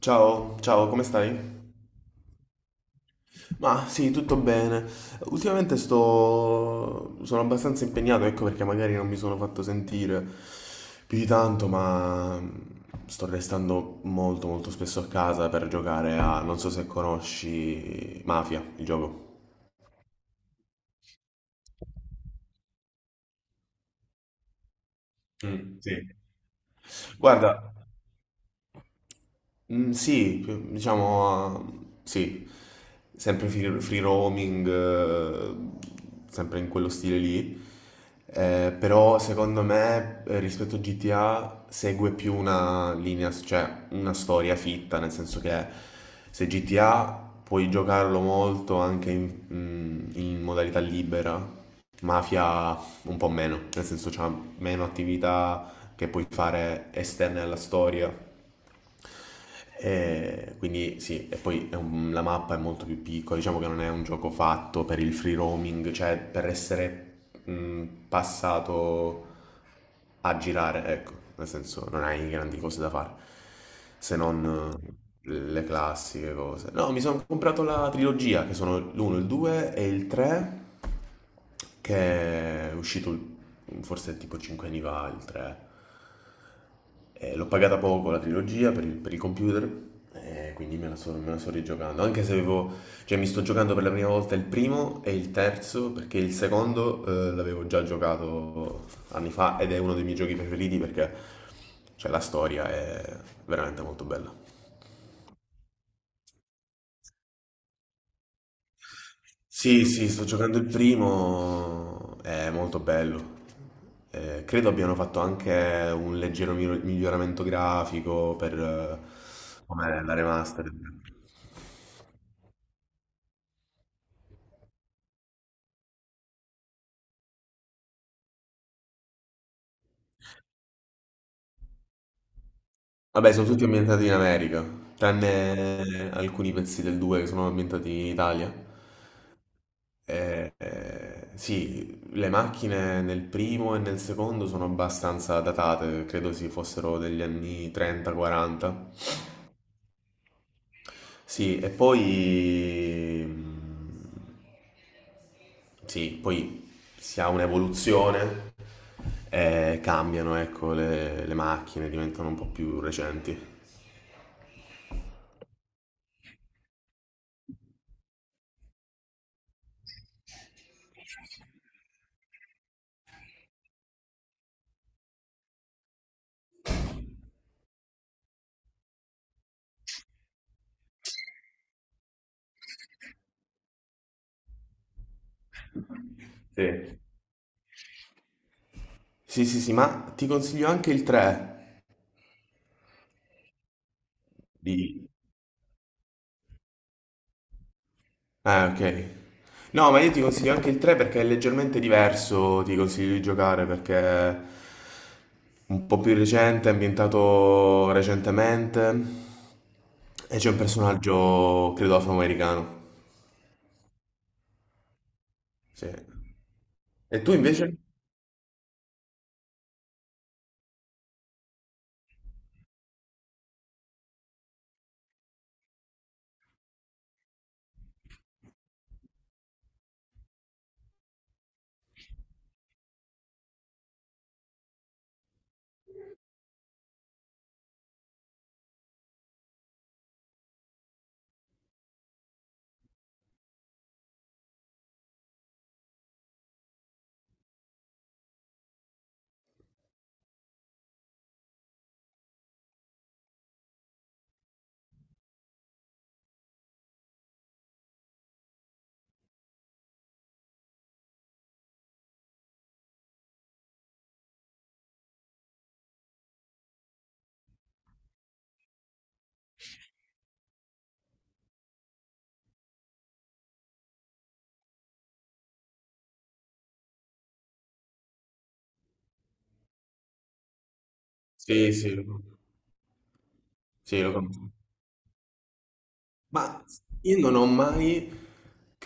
Ciao, ciao, come stai? Ma sì, tutto bene. Ultimamente sono abbastanza impegnato, ecco perché magari non mi sono fatto sentire più di tanto, ma sto restando molto molto spesso a casa per giocare a, non so se conosci, Mafia, il gioco. Mm, sì. Guarda, mm, sì, diciamo, sì, sempre free roaming, sempre in quello stile lì. Però secondo me rispetto a GTA segue più una linea, cioè una storia fitta, nel senso che se GTA puoi giocarlo molto anche in modalità libera. Mafia un po' meno, nel senso c'ha meno attività che puoi fare esterne alla storia. E quindi sì, e poi la mappa è molto più piccola, diciamo che non è un gioco fatto per il free roaming, cioè per essere mh, passato a girare, ecco, nel senso non hai grandi cose da fare, se non le classiche cose. No, mi sono comprato la trilogia, che sono l'1, il 2 e il 3, che è uscito forse tipo 5 anni fa, il 3. L'ho pagata poco la trilogia per il computer, quindi me la sto rigiocando. Anche se avevo, cioè, mi sto giocando per la prima volta il primo e il terzo, perché il secondo l'avevo già giocato anni fa ed è uno dei miei giochi preferiti perché cioè, la storia è veramente molto bella. Sì, sì, sto giocando il primo, è molto bello. Credo abbiano fatto anche un leggero miglioramento grafico per come la remastered. Vabbè, sono tutti ambientati in America, tranne alcuni pezzi del 2 che sono ambientati in Italia. Sì, le macchine nel primo e nel secondo sono abbastanza datate, credo si fossero degli anni 30-40. Sì, e poi... sì, poi si ha un'evoluzione, cambiano, ecco, le macchine diventano un po' più recenti. Sì. Sì, sì, sì, ma ti consiglio anche il 3 di eh, ok. No, ma io ti consiglio anche il 3 perché è leggermente diverso, ti consiglio di giocare perché è un po' più recente, è ambientato recentemente e c'è un personaggio, credo, afroamericano. Sì. E tu invece? Sì, sì, lo conosco. Sì, lo conosco. Ma io non ho mai,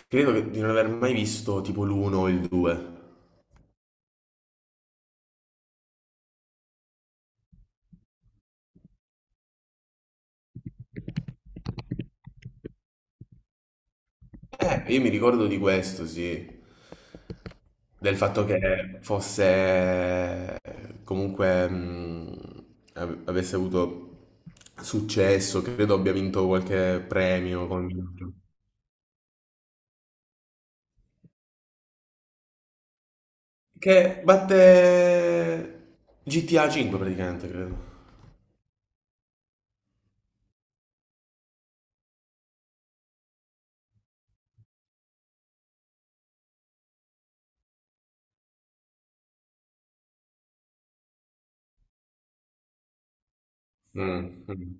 di non aver mai visto tipo l'1 o il 2. Io mi ricordo di questo, sì. Del fatto che fosse comunque avesse avuto successo, credo abbia vinto qualche premio con il gioco. Che batte GTA 5 praticamente, credo. Mm, mm,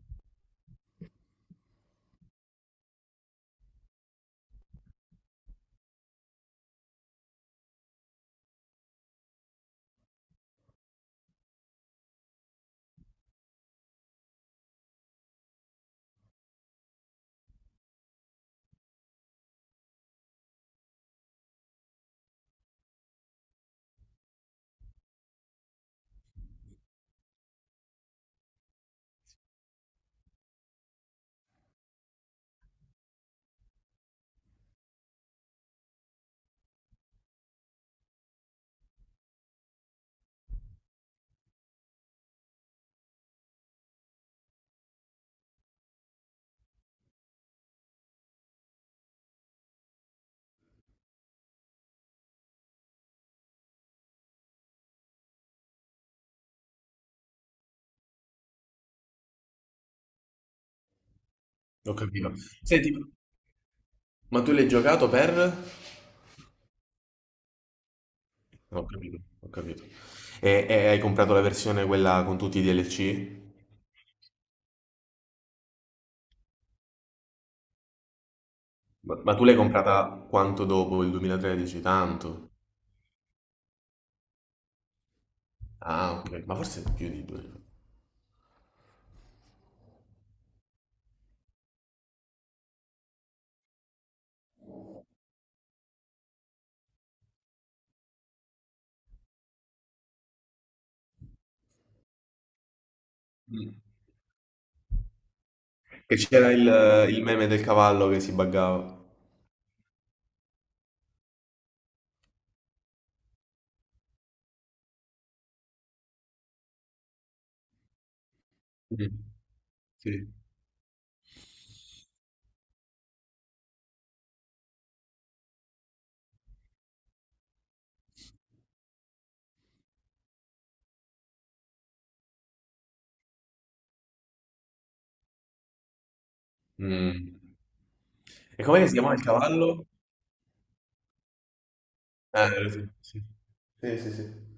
ho capito. Senti, ma tu l'hai giocato per? No, ho capito, ho capito. E hai comprato la versione quella con tutti i DLC? Ma tu l'hai comprata quanto dopo il 2013? Tanto. Ah, ok, ma forse più di due anni fa. Mm. Che c'era il meme del cavallo che si buggava. Mm. Sì. Mm. E com'è che si chiamava il cavallo? Sì. Sì, sì, sì.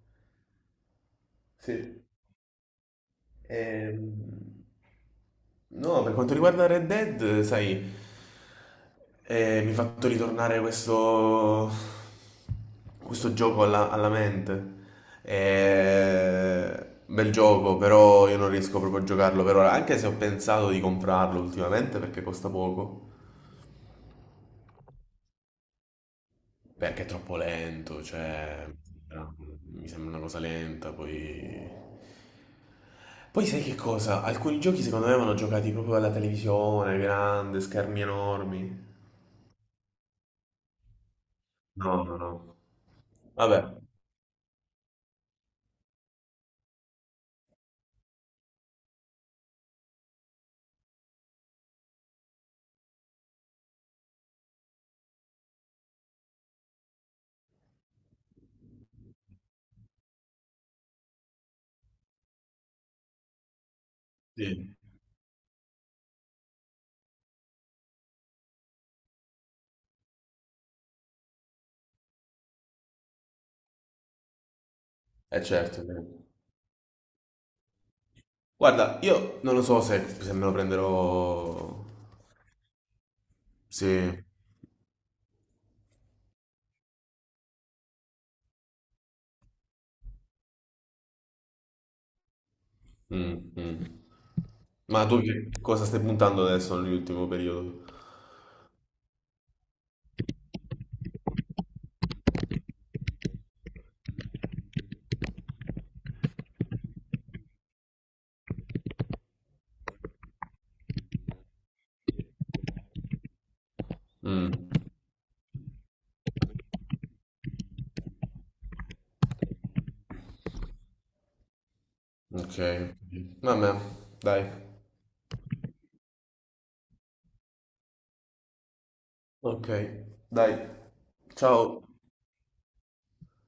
Sì. Sì. Ehm, No, per quanto riguarda Red Dead, sai, mi ha fatto ritornare questo gioco alla mente. Bel gioco, però io non riesco proprio a giocarlo per ora, anche se ho pensato di comprarlo ultimamente perché costa poco. Perché è troppo lento, cioè mi sembra una cosa lenta, poi. Poi sai che cosa? Alcuni giochi secondo me vanno giocati proprio alla televisione, grande, schermi enormi. No, no, no. Vabbè, sì, è certo, sì. Guarda, io non lo so se me lo prenderò. Sì. Mm, mm. Ma tu che cosa stai puntando adesso nell'ultimo periodo? Mm, ok, ok. Vabbè, dai. Ok, dai, ciao.